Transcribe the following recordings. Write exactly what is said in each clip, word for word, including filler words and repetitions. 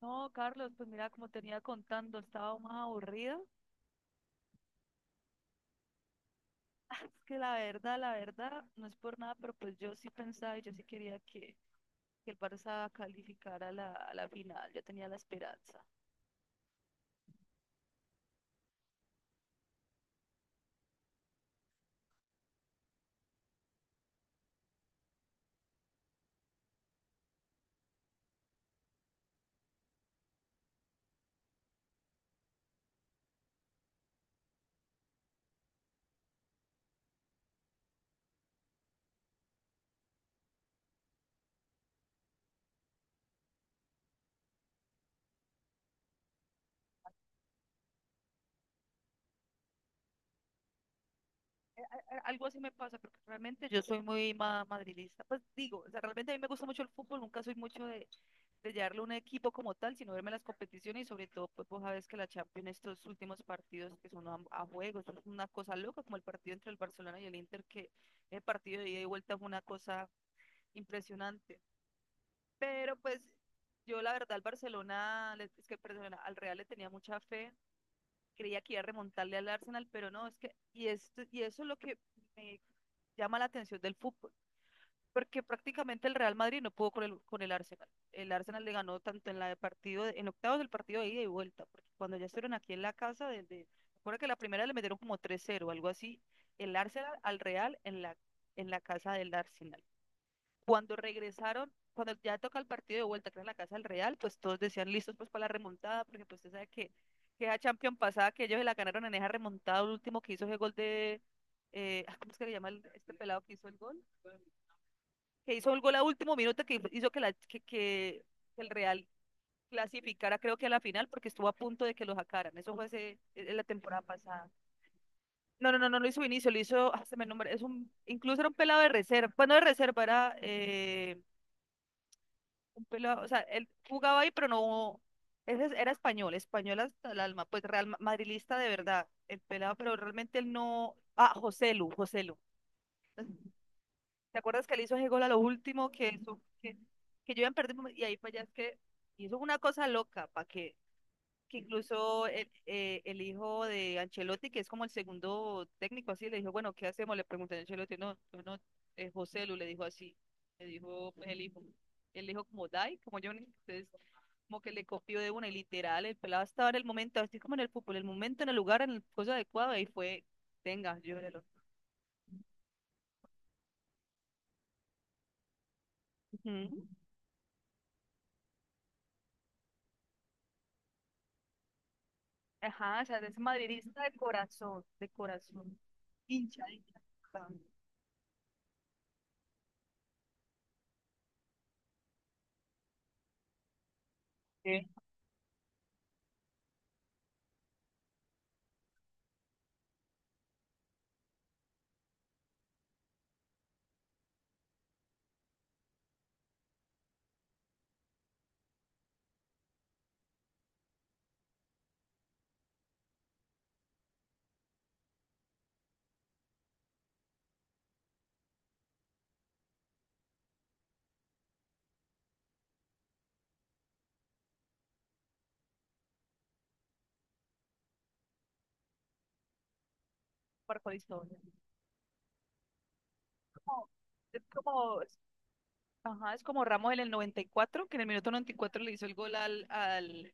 No, Carlos, pues mira, como tenía contando, estaba más aburrida. Es que la verdad, la verdad, no es por nada, pero pues yo sí pensaba y yo sí quería que, que el Barça calificara a la, a la final. Yo tenía la esperanza. A- Algo así me pasa, porque realmente yo soy muy ma- madridista. Pues digo, o sea, realmente a mí me gusta mucho el fútbol, nunca soy mucho de, de llevarlo a un equipo como tal, sino verme las competiciones y sobre todo, pues vos sabes que la Champions, estos últimos partidos que son a, a juegos, es una cosa loca, como el partido entre el Barcelona y el Inter, que el partido de ida y vuelta fue una cosa impresionante. Pero pues yo la verdad al Barcelona, le- es que perdón, al Real le tenía mucha fe, creía que iba a remontarle al Arsenal, pero no, es que, y, esto, y eso es lo que me llama la atención del fútbol, porque prácticamente el Real Madrid no pudo con el, con el Arsenal. El Arsenal le ganó tanto en la de partido, en octavos del partido de ida y vuelta, porque cuando ya estuvieron aquí en la casa, de de- recuerda que la primera le metieron como tres cero, algo así, el Arsenal al Real en la, en la casa del Arsenal. Cuando regresaron, cuando ya toca el partido de vuelta, que era en la casa del Real, pues todos decían listos pues para la remontada, porque pues usted sabe que, que esa Champions pasada, que ellos se la ganaron en esa remontada, el último que hizo ese gol de, eh, ah, ¿cómo es que le llama el- este pelado que hizo el gol? Que hizo un gol a último minuto que hizo que, la, que, que el Real clasificara, creo que a la final, porque estuvo a punto de que lo sacaran. Eso fue ese- en la temporada pasada. No, no, no, no lo hizo Vinicio, lo hizo, ah, se me nombra, es un, incluso era un pelado de reserva, bueno, de reserva, era eh, un pelado, o sea, él jugaba ahí, pero no, ese es- era español, español hasta el alma, pues real ma- madrilista de verdad, el pelado, pero realmente él no, ah, Joselu, Joselu. ¿Te acuerdas que le hizo ese gol a lo último que, su- que, que yo iba a perder y ahí fue ya es que hizo una cosa loca para que, que incluso el, eh, el hijo de Ancelotti, que es como el segundo técnico así, le dijo, bueno, ¿qué hacemos? Le pregunté a Ancelotti, no, no, no, eh, José Lu le dijo así, le dijo pues, el hijo, el hijo como Dai, como Johnny, entonces como que le copió de una y literal, el pelado estaba en el momento, así como en el fútbol, el momento, en el lugar, en el cosa adecuado, y fue, tenga, llórelo. Ujú. Ajá, o sea, es madridista de corazón, de corazón, hincha, hincha, hincha. Sí. Por Juan Historia. Como- Es como, ajá, es como Ramos en el noventa y cuatro, que en el minuto noventa y cuatro le hizo el gol al, al,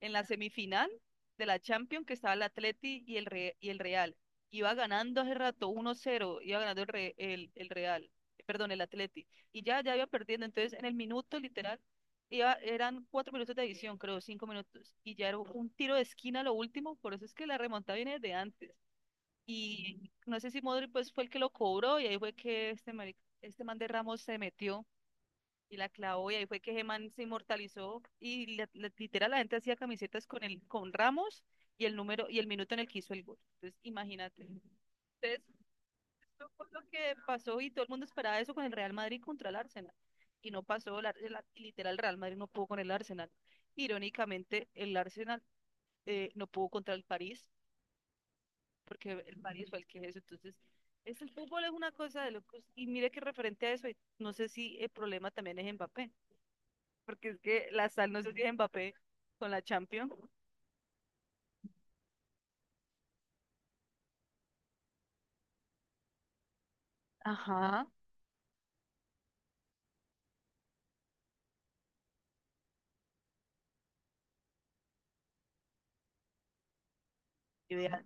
en la semifinal de la Champions que estaba el Atleti y el, Re- y el Real. Iba ganando hace rato uno cero, iba ganando el, Re- el, el Real, perdón, el Atleti. Y ya, ya iba perdiendo. Entonces, en el minuto literal, iba, eran cuatro minutos de edición, creo, cinco minutos. Y ya era un tiro de esquina lo último, por eso es que la remontada viene de antes. Y no sé si Modric pues fue el que lo cobró y ahí fue que este, marica- este man de Ramos se metió y la clavó y ahí fue que Geman se inmortalizó y la- la- literal la gente hacía camisetas con el, con Ramos y el número y el minuto en el que hizo el gol. Entonces, imagínate. Entonces, eso fue lo que pasó y todo el mundo esperaba eso con el Real Madrid contra el Arsenal. Y no pasó, el Ar- el Ar- literal, el Real Madrid no pudo con el Arsenal. Irónicamente, el Arsenal eh, no pudo contra el París, porque el París fue el que eso. Entonces, es el fútbol es una cosa de locos. Y mire que referente a eso, y no sé si el problema también es Mbappé, porque es que la sal no se tiene Mbappé con la Champions. Ajá. Y vean,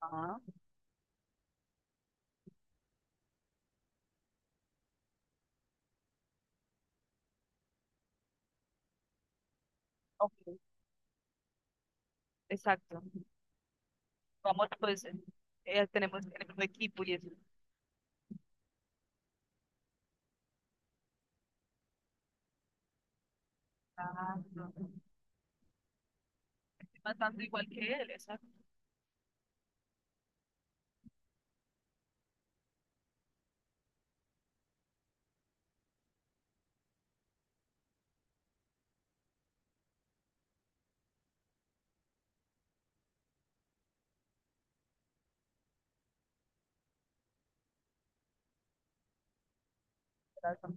ajá, ok, exacto. Vamos, pues, eh, tenemos el mismo equipo y eso. Exacto. Bastante igual que él, exacto. Exacto.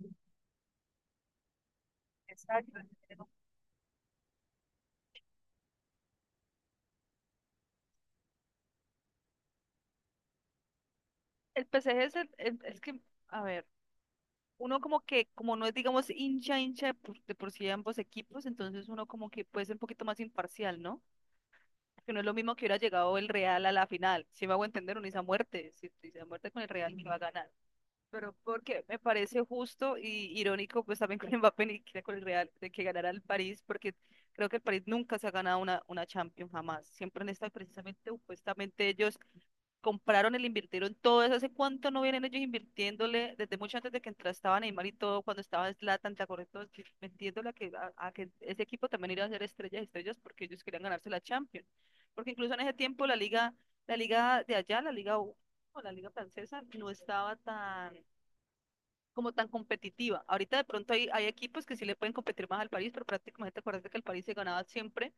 Exacto. El P S G es, el- el- es que, a ver, uno como que, como no es, digamos, hincha, hincha de por, de por sí de ambos equipos, entonces uno como que puede ser un poquito más imparcial, ¿no? Que no es lo mismo que hubiera llegado el Real a la final. Si me hago entender, uno dice a muerte, si dice a muerte con el Real que va a ganar. Pero porque me parece justo y irónico, pues también con Mbappé y que con el Real, de que ganara el París, porque creo que el París nunca se ha ganado una, una Champions, jamás. Siempre en esta, precisamente, supuestamente ellos compraron el invirtieron todo eso. ¿Hace cuánto no vienen ellos invirtiéndole? Desde mucho antes de que entrara estaba Neymar y todo, cuando estaba Zlatan, ¿te acuerdas? Todos metiéndole a que, a, a que ese equipo también iba a ser estrellas, estrellas, porque ellos querían ganarse la Champions. Porque incluso en ese tiempo la liga, la liga de allá, la liga U, o la liga francesa, no estaba tan como tan competitiva. Ahorita de pronto hay, hay equipos que sí le pueden competir más al París, pero prácticamente acuérdate que el París se ganaba siempre,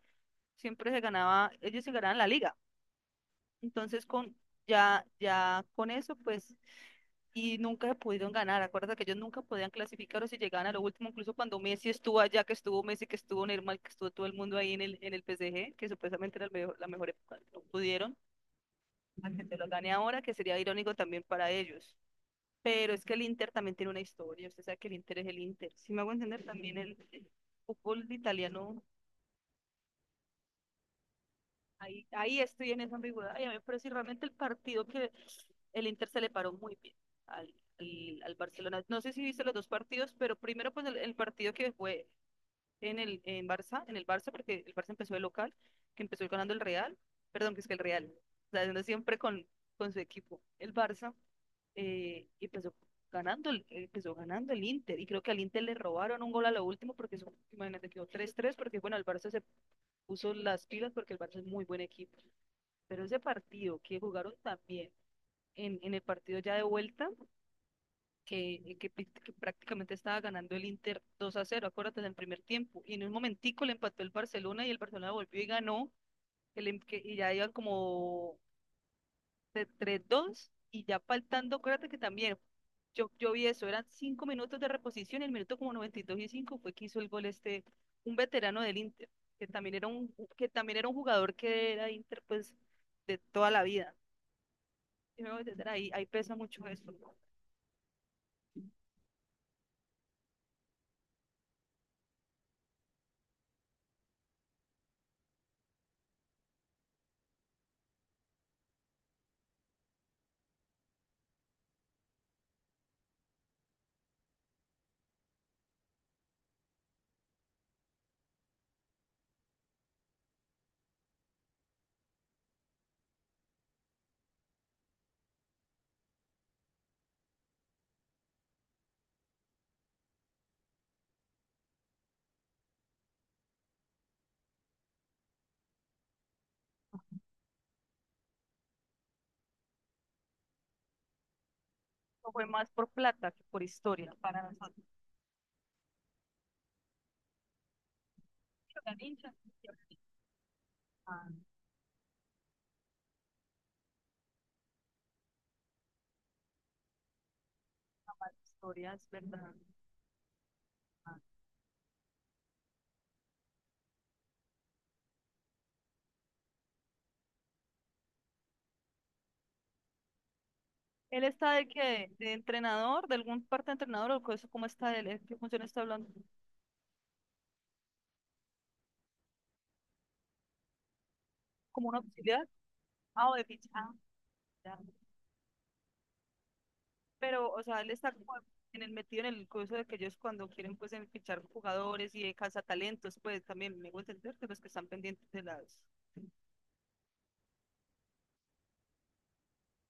siempre se ganaba, ellos se ganaban la liga. Entonces con ya, ya con eso, pues, y nunca pudieron ganar. Acuérdate que ellos nunca podían clasificar o si llegaban a lo último, incluso cuando Messi estuvo allá, que estuvo Messi, que estuvo Neymar, que estuvo todo el mundo ahí en el, en el P S G, que supuestamente era el mejor- la mejor época, no pudieron. Aunque se lo gane ahora, que sería irónico también para ellos. Pero es que el Inter también tiene una historia, usted sabe que el Inter es el Inter. Si me hago entender también el, el fútbol italiano, ahí, ahí estoy en esa ambigüedad. Y a mí me parece realmente el partido que el Inter se le paró muy bien al, al, al Barcelona. No sé si viste los dos partidos, pero primero pues el, el partido que fue en el en Barça, en el Barça, porque el Barça empezó de local, que empezó ganando el Real, perdón, que es que el Real, o sea, siempre con, con su equipo, el Barça eh, y empezó ganando, el- empezó ganando el Inter. Y creo que al Inter le robaron un gol a lo último porque eso, imagínate, quedó tres tres porque bueno, el Barça se puso las pilas porque el Barça es muy buen equipo. Pero ese partido que jugaron también en, en el partido ya de vuelta, que, eh, que, pi- que prácticamente estaba ganando el Inter dos a cero, acuérdate del primer tiempo. Y en un momentico le empató el Barcelona y el Barcelona volvió y ganó. el em- que- y ya iban como de tres dos y ya faltando, acuérdate que también yo, yo vi eso, eran cinco minutos de reposición y el minuto como noventa y dos y cinco fue que hizo el gol este, un veterano del Inter, que también era un, que también era un jugador que era Inter pues de toda la vida. Y me voy a entender. Ahí, ahí pesa mucho eso. No fue más por plata que por historia. Para nosotros, los hinchas, siempre han amado historias, ¿verdad? Ah. ¿Él está de qué? ¿De entrenador, de algún parte de entrenador o cosa, cómo está él, qué función está hablando, como una? Ah, o de ficha. Ah, ya. Pero, o sea, él está como en el metido en el curso de que ellos cuando quieren pues en fichar jugadores y de cazatalentos, pues también me gusta entender que los que están pendientes de las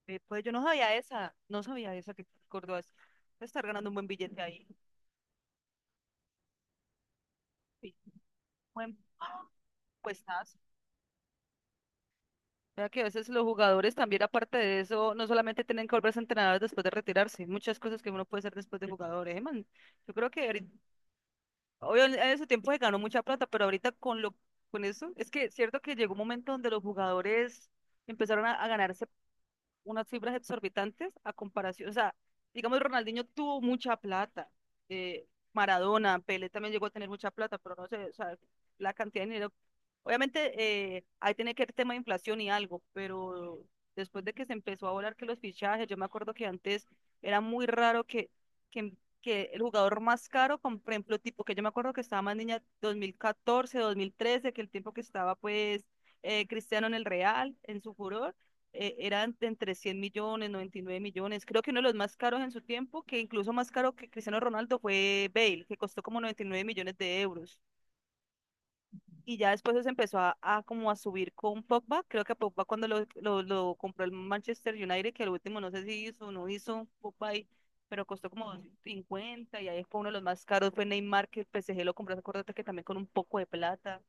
de- pues yo no sabía esa, no sabía esa que Córdoba es- puede estar ganando un buen billete ahí. Sí, buen ¡ah! Puestazo. O que a veces los jugadores también, aparte de eso, no solamente tienen que volverse entrenadores después de retirarse, muchas cosas que uno puede hacer después de jugador, ¿eh, man? Yo creo que ahorita, obvio, en en ese tiempo se ganó mucha plata, pero ahorita con lo, con eso, es que es cierto que llegó un momento donde los jugadores empezaron a, a ganarse unas cifras exorbitantes a comparación, o sea, digamos, Ronaldinho tuvo mucha plata, eh, Maradona, Pelé también llegó a tener mucha plata, pero no sé, o sea, la cantidad de dinero, obviamente eh, ahí tiene que haber tema de inflación y algo, pero después de que se empezó a volar que los fichajes, yo me acuerdo que antes era muy raro que, que, que el jugador más caro, con, por ejemplo, tipo que yo me acuerdo que estaba más niña dos mil catorce, dos mil trece, que el tiempo que estaba pues... eh, Cristiano en el Real, en su furor, eh, eran de entre cien millones, noventa y nueve millones. Creo que uno de los más caros en su tiempo, que incluso más caro que Cristiano Ronaldo, fue Bale, que costó como noventa y nueve millones de euros. Y ya después se empezó a, a como a subir con Pogba. Creo que a Pogba cuando lo, lo, lo compró el Manchester United, que al último no sé si hizo o no hizo Pogba y pero costó como cincuenta y ahí fue uno de los más caros, fue Neymar, que el P S G lo compró, acuérdate que también con un poco de plata.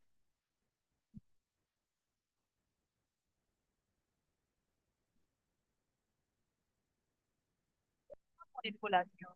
Circulación.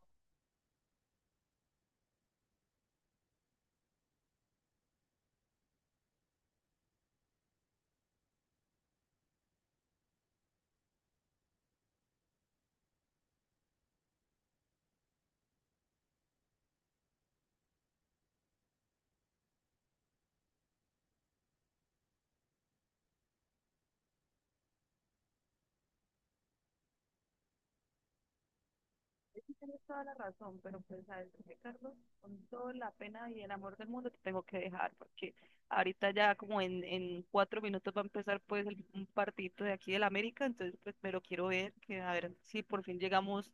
Sí, tienes toda la razón, pero pues sabes qué, Carlos, con toda la pena y el amor del mundo te tengo que dejar, porque ahorita ya como en, en cuatro minutos va a empezar pues el- un partidito de aquí del América, entonces pues pero quiero ver que a ver si por fin llegamos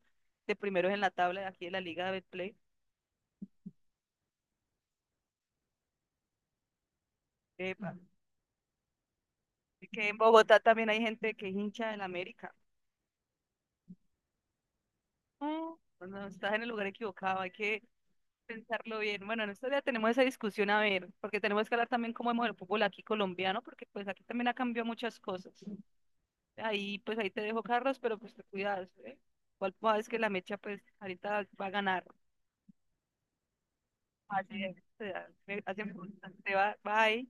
de primeros en la tabla de aquí de la Liga de Betplay. Epa, y que en Bogotá también hay gente que es hincha del América. No, no no, estás en el lugar equivocado, hay que pensarlo bien. Bueno, en estos días tenemos esa discusión a ver, porque tenemos que hablar también cómo vemos el fútbol aquí colombiano, porque pues aquí también ha cambiado muchas cosas. Ahí, pues ahí te dejo, Carlos, pero pues te cuidas, ¿eh? Igual pues, sabes que la mecha, pues ahorita va a ganar. Así es, o sea, me- hacen- te va, bye.